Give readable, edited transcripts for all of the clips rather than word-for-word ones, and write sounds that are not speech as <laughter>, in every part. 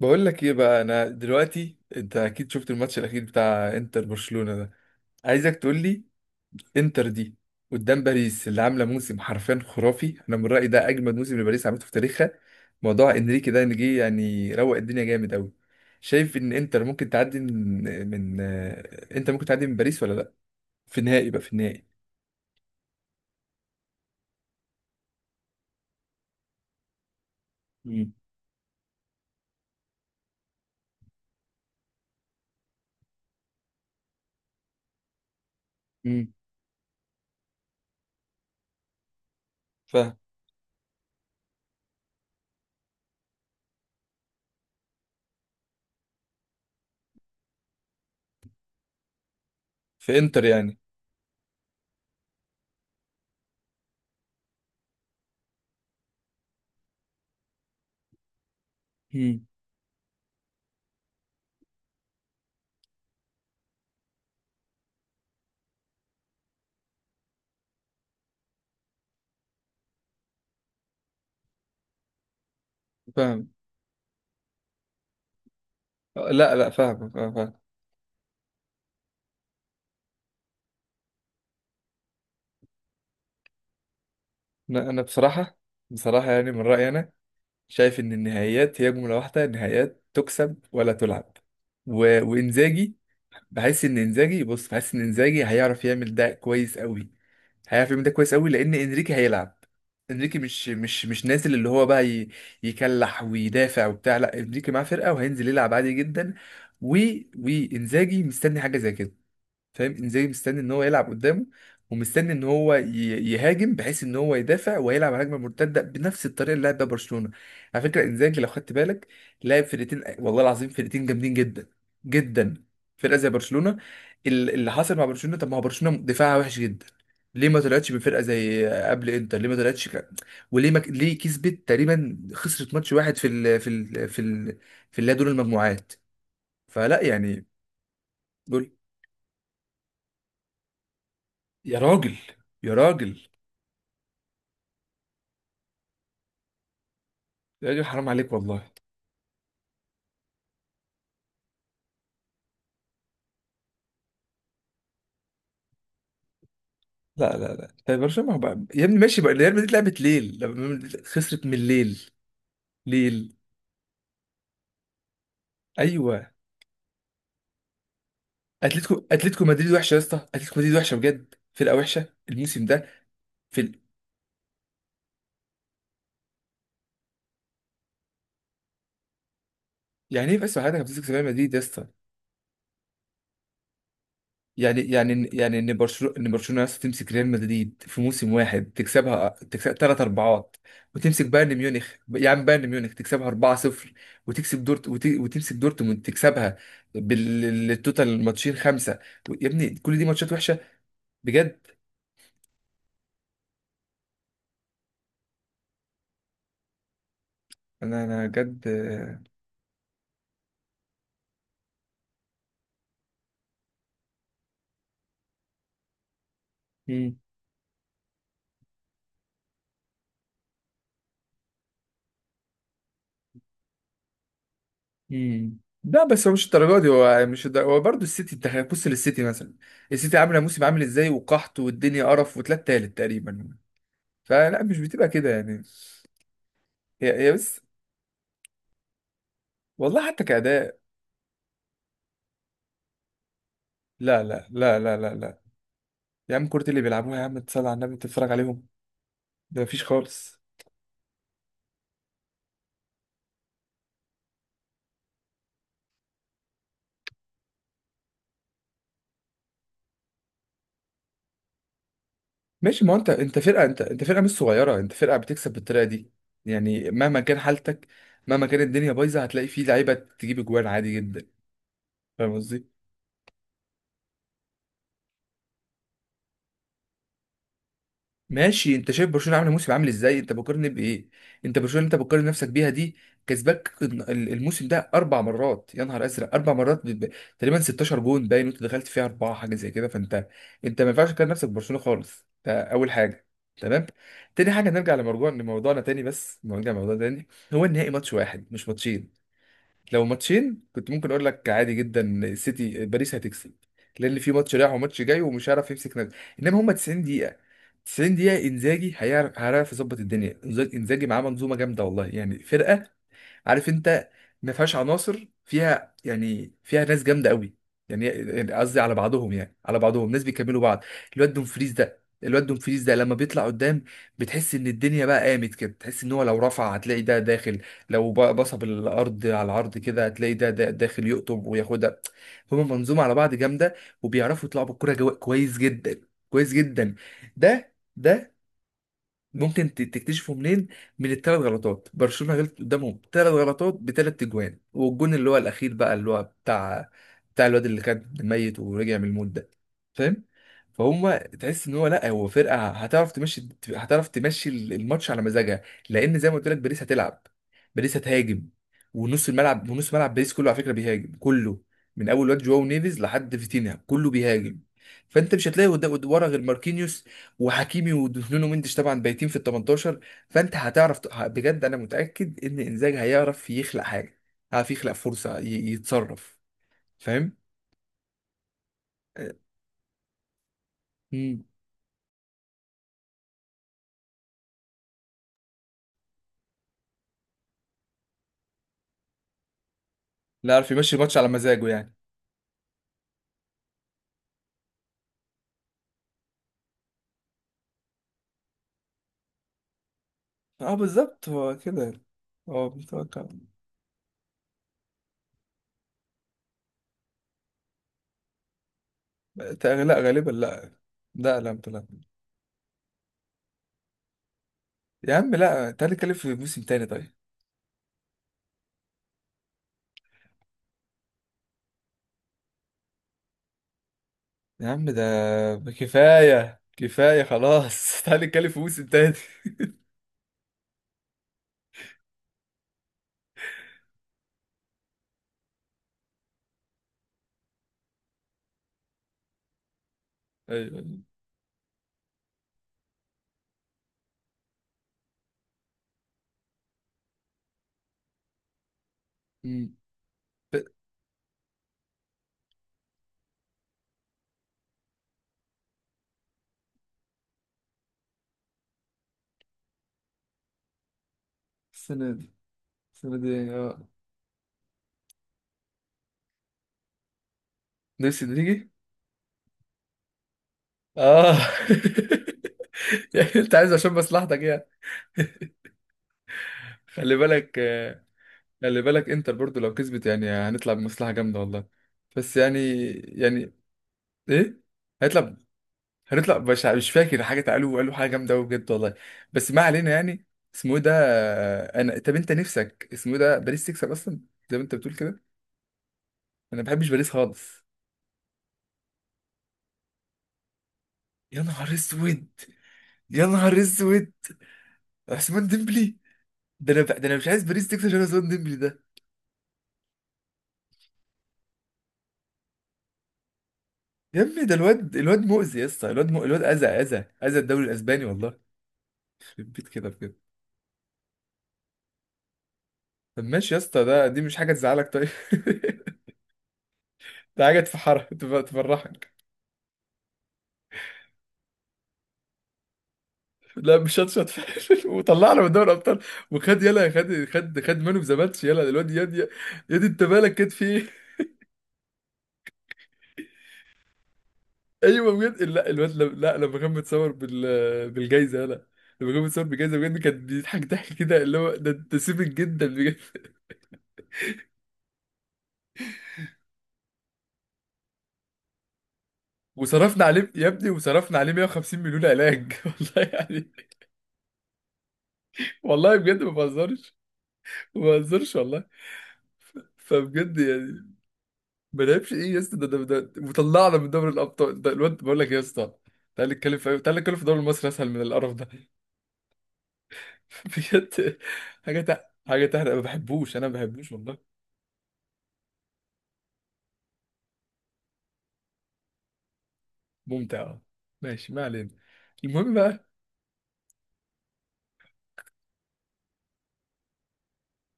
بقول لك ايه بقى. انا دلوقتي انت اكيد شفت الماتش الاخير بتاع انتر برشلونة ده. عايزك تقول لي انتر دي قدام باريس اللي عامله موسم حرفيا خرافي. انا من رايي ده اجمد موسم لباريس عملته في تاريخها. موضوع انريكي ده ان جه يعني روق الدنيا جامد قوي. شايف ان انتر ممكن تعدي من انتر ممكن تعدي من باريس ولا لا؟ في النهائي بقى، في النهائي. امم امم فاهم في انتر يعني. امم فاهم. لا لا، فاهم فاهم فاهم. انا بصراحة، بصراحة يعني من رايي انا شايف ان النهائيات هي جمله واحده، النهائيات تكسب ولا تلعب. وانزاجي بحس ان انزاجي، بص بحس ان انزاجي هيعرف يعمل ده كويس قوي، هيعرف يعمل ده كويس قوي، لان انريكي هيلعب. انريكي مش نازل اللي هو بقى يكلح ويدافع وبتاع. لا انريكي معاه فرقه وهينزل يلعب عادي جدا. و... وانزاجي مستني حاجه زي كده. فاهم، انزاجي مستني ان هو يلعب قدامه، ومستني ان هو يهاجم، بحيث ان هو يدافع ويلعب على هجمه مرتده بنفس الطريقه اللي لعب بيها برشلونه. على فكره انزاجي لو خدت بالك لعب فرقتين، والله العظيم فرقتين جامدين جدا، جدا. فرقه زي برشلونه. اللي حصل مع برشلونه، طب ما هو برشلونه دفاعها وحش جدا، ليه ما طلعتش من فرقه زي قبل انتر؟ ليه ما طلعتش وليه ما... ليه كسبت، تقريبا خسرت ماتش واحد في اللي هي دور المجموعات؟ فلا يعني. دول يا راجل، يا راجل، يا راجل حرام عليك والله. لا لا لا، طيب برشلونة بقى يا ابني، ماشي بقى، ريال مدريد لعبت ليل لما مدريد خسرت من ليل، ليل. ايوه، اتلتيكو، اتلتيكو مدريد وحشه يا اسطى، اتلتيكو مدريد وحشه بجد، فرقه وحشه الموسم ده. في ال... يعني ايه بس حضرتك بتمسك في ريال مدريد يا اسطى؟ يعني ان برشلونه، ان برشلونه نفسها تمسك ريال مدريد في موسم واحد تكسبها، تكسبها ثلاث اربعات، وتمسك بايرن ميونخ يا عم، بايرن ميونخ تكسبها 4-0، وتكسب وتمسك دورتموند تكسبها بالتوتال الماتشين خمسه. يا ابني كل دي ماتشات وحشه بجد. انا بجد. مم. مم. لا بس هو مش الدرجه دي، هو مش الدرجة. هو برضه السيتي، انت بص للسيتي مثلا. السيتي عامله موسم عامل ازاي، وقحط والدنيا قرف وتلات، تالت تقريبا. فلا مش بتبقى كده يعني. يا بس، والله حتى كأداء. لا لا لا لا لا لا، يا عم كورة اللي بيلعبوها يا عم تصلي على النبي تتفرج عليهم. ده مفيش خالص. ماشي، ما هو انت، انت فرقة، انت انت فرقة مش صغيرة، انت فرقة بتكسب بالطريقة دي. يعني مهما كان حالتك، مهما كان الدنيا بايظة هتلاقي فيه لعيبة تجيب اجوان عادي جدا. فاهم قصدي؟ ماشي انت شايف برشلونه عامله موسم عامل ازاي؟ انت بتقارن بايه؟ انت برشلونه اللي انت بتقارن نفسك بيها دي كسباك الموسم ده اربع مرات، يا نهار ازرق اربع مرات تقريبا 16 جون باين وانت دخلت فيها اربعه، حاجه زي كده. فانت، انت ما ينفعش تقارن نفسك ببرشلونه خالص، ده اول حاجه. تمام. تاني حاجه نرجع لموضوع، لموضوعنا تاني، بس نرجع لموضوع تاني. هو النهائي ماتش واحد مش ماتشين. لو ماتشين كنت ممكن اقول لك عادي جدا سيتي، باريس هتكسب، لان في ماتش رايح وماتش جاي ومش هيعرف يمسك نفسه. انما هم 90 دقيقه، 90 دقيقه انزاجي هيعرف، هيعرف يظبط الدنيا. انزاجي معاه منظومه جامده والله، يعني فرقه، عارف انت، ما فيهاش عناصر، فيها يعني فيها ناس جامده قوي. يعني قصدي على بعضهم، يعني على بعضهم ناس بيكملوا بعض. الواد دومفريز ده، الواد دومفريز ده لما بيطلع قدام بتحس ان الدنيا بقى قامت كده، تحس ان هو لو رفع هتلاقي ده داخل، لو بصب الارض على العرض كده هتلاقي ده داخل يقطب وياخدها. هما منظومه على بعض جامده، وبيعرفوا يطلعوا بالكوره كويس جدا، كويس جدا. ده ممكن تكتشفه منين؟ من الثلاث غلطات برشلونة غلط قدامهم، ثلاث غلطات بثلاث اجوان، والجون اللي هو الاخير بقى اللي هو بتاع، بتاع الواد اللي كان ميت ورجع من الموت ده. فاهم؟ فهم تحس ان هو، لا هو فرقه هتعرف تمشي، هتعرف تمشي الماتش على مزاجها، لان زي ما قلت لك باريس هتلعب. باريس هتهاجم، ونص الملعب، ونص ملعب باريس كله على فكره بيهاجم، كله من اول واد جواو نيفيز لحد فيتينها كله بيهاجم. فانت مش هتلاقي قدام ورا غير ماركينيوس وحكيمي ودونو مندش طبعا بايتين في ال 18. فانت هتعرف بجد انا متاكد ان انزاج هيعرف يخلق حاجه، هيعرف يخلق فرصه يتصرف. فاهم؟ آه، مم. لا يعرف يمشي الماتش على مزاجه يعني. اه بالظبط هو كده، هو متوقع. لا غالبا لا. لا لا لا، يا عم لا، تعالى نتكلم في موسم تاني طيب. يا عم ده كفايه كفايه خلاص. <laughs> تعالى نتكلم في موسم تاني. ايوه، أيوة. مم. السنه دي، السنه دي اه. نفسي نيجي. اه. <laughs> يعني انت عايز عشان مصلحتك يعني. خلي بالك، خلي بالك انتر برضو لو كسبت يعني هنطلع بمصلحة جامدة والله. بس يعني، يعني ايه؟ هنطلع، هنطلع مش مش فاكر حاجة، قالوا قالوا حاجة جامدة قوي بجد والله. بس ما علينا يعني. اسمه إيه ده؟ انا طب انت نفسك اسمه إيه ده، باريس تكسب اصلا زي ما انت بتقول كده؟ انا ما بحبش باريس خالص. يا نهار اسود، يا نهار اسود. عثمان ديمبلي، ده انا، ده انا مش عايز باريس تكسب عشان عثمان ديمبلي. يا ابني ده الواد، الواد مؤذي يا اسطى، الواد الواد اذى اذى اذى الدوري الاسباني والله. يخرب بيت كده بجد. طب ماشي يا اسطى، ده دي مش حاجه تزعلك طيب. <laughs> ده حاجه تفحرك، تفرحك. لا مش شطشط. <laughs> وطلعنا من دوري الابطال. وخد يلا، خد خد خد مان اوف ذا ماتش يلا الواد ياد ياد، ياد انت مالك كده، في ايه؟ <laughs> ايوه بجد. لا الواد لم... لا لما كان متصور بالجايزه يلا، لما كان متصور بالجايزه بجد كان بيضحك ضحك كده اللي هو ده انت سيبك جدا بجد. وصرفنا عليه يا ابني، وصرفنا عليه 150 مليون علاج. <laughs> والله يعني، والله بجد ما بهزرش، ما بهزرش والله. فبجد يعني، ما لعبش ايه يا اسطى، ده وطلعنا من دوري الابطال، ده الواد بقول لك يا اسطى. تعالى نتكلم في، تعالى نتكلم في دوري مصر اسهل من القرف ده. <laughs> بجد. حاجه حاجه تحرق، ما بحبوش، انا ما بحبوش والله. ممتع آه. ماشي ما علينا. المهم بقى،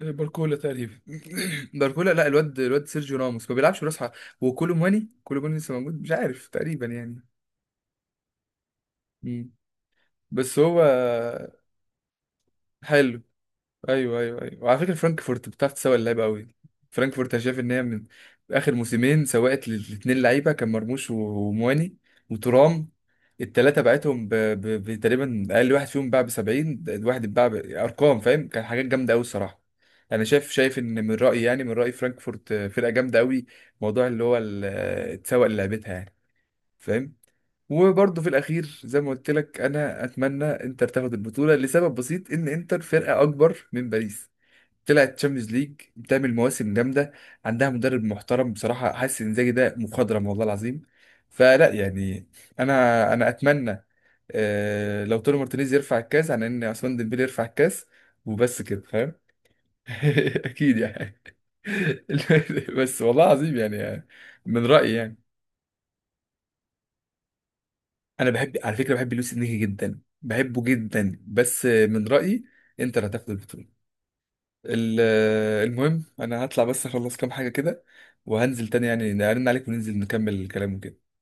باركولا تقريبا. <clears throat> <laughs> باركولا، لا الواد، الواد سيرجيو راموس ما بيلعبش براس حرب. وكولو مواني، كولو مواني لسه موجود مش عارف تقريبا يعني. مم. بس هو حلو. ايوه ايوه ايوه، وعلى فكره فرانكفورت بتعرف تسوق اللعيبه قوي. فرانكفورت انا شايف ان هي من اخر موسمين سوقت للاثنين لعيبه كان مرموش ومواني وترام، الثلاثه بعتهم بتقريبا اقل واحد فيهم باع ب 70، الواحد اتباع ارقام فاهم، كان حاجات جامده قوي الصراحه. انا شايف، شايف ان من رايي يعني، من رايي فرانكفورت فرقه جامده قوي. موضوع اللي هو تسوق لعبتها يعني. فاهم. وبرضه في الاخير زي ما قلت لك انا اتمنى انتر تاخد البطوله لسبب بسيط، ان انتر فرقه اكبر من باريس، طلعت تشامبيونز ليج، بتعمل مواسم جامده، عندها مدرب محترم بصراحه، حاسس ان انزاجي ده مخضرم والله العظيم. فلا يعني. انا اتمنى لو توني مارتينيز يرفع الكاس عن ان عثمان ديمبلي يرفع الكاس، وبس كده فاهم. <laughs> اكيد يعني. <laughs> بس والله العظيم يعني، من رايي يعني. انا بحب على فكره، بحب لويس انريكي جدا، بحبه جدا، بس من رايي انت اللي هتاخد البطوله. ال- المهم انا هطلع بس اخلص كام حاجة كده، وهنزل تاني يعني نرن عليك وننزل نكمل الكلام وكده.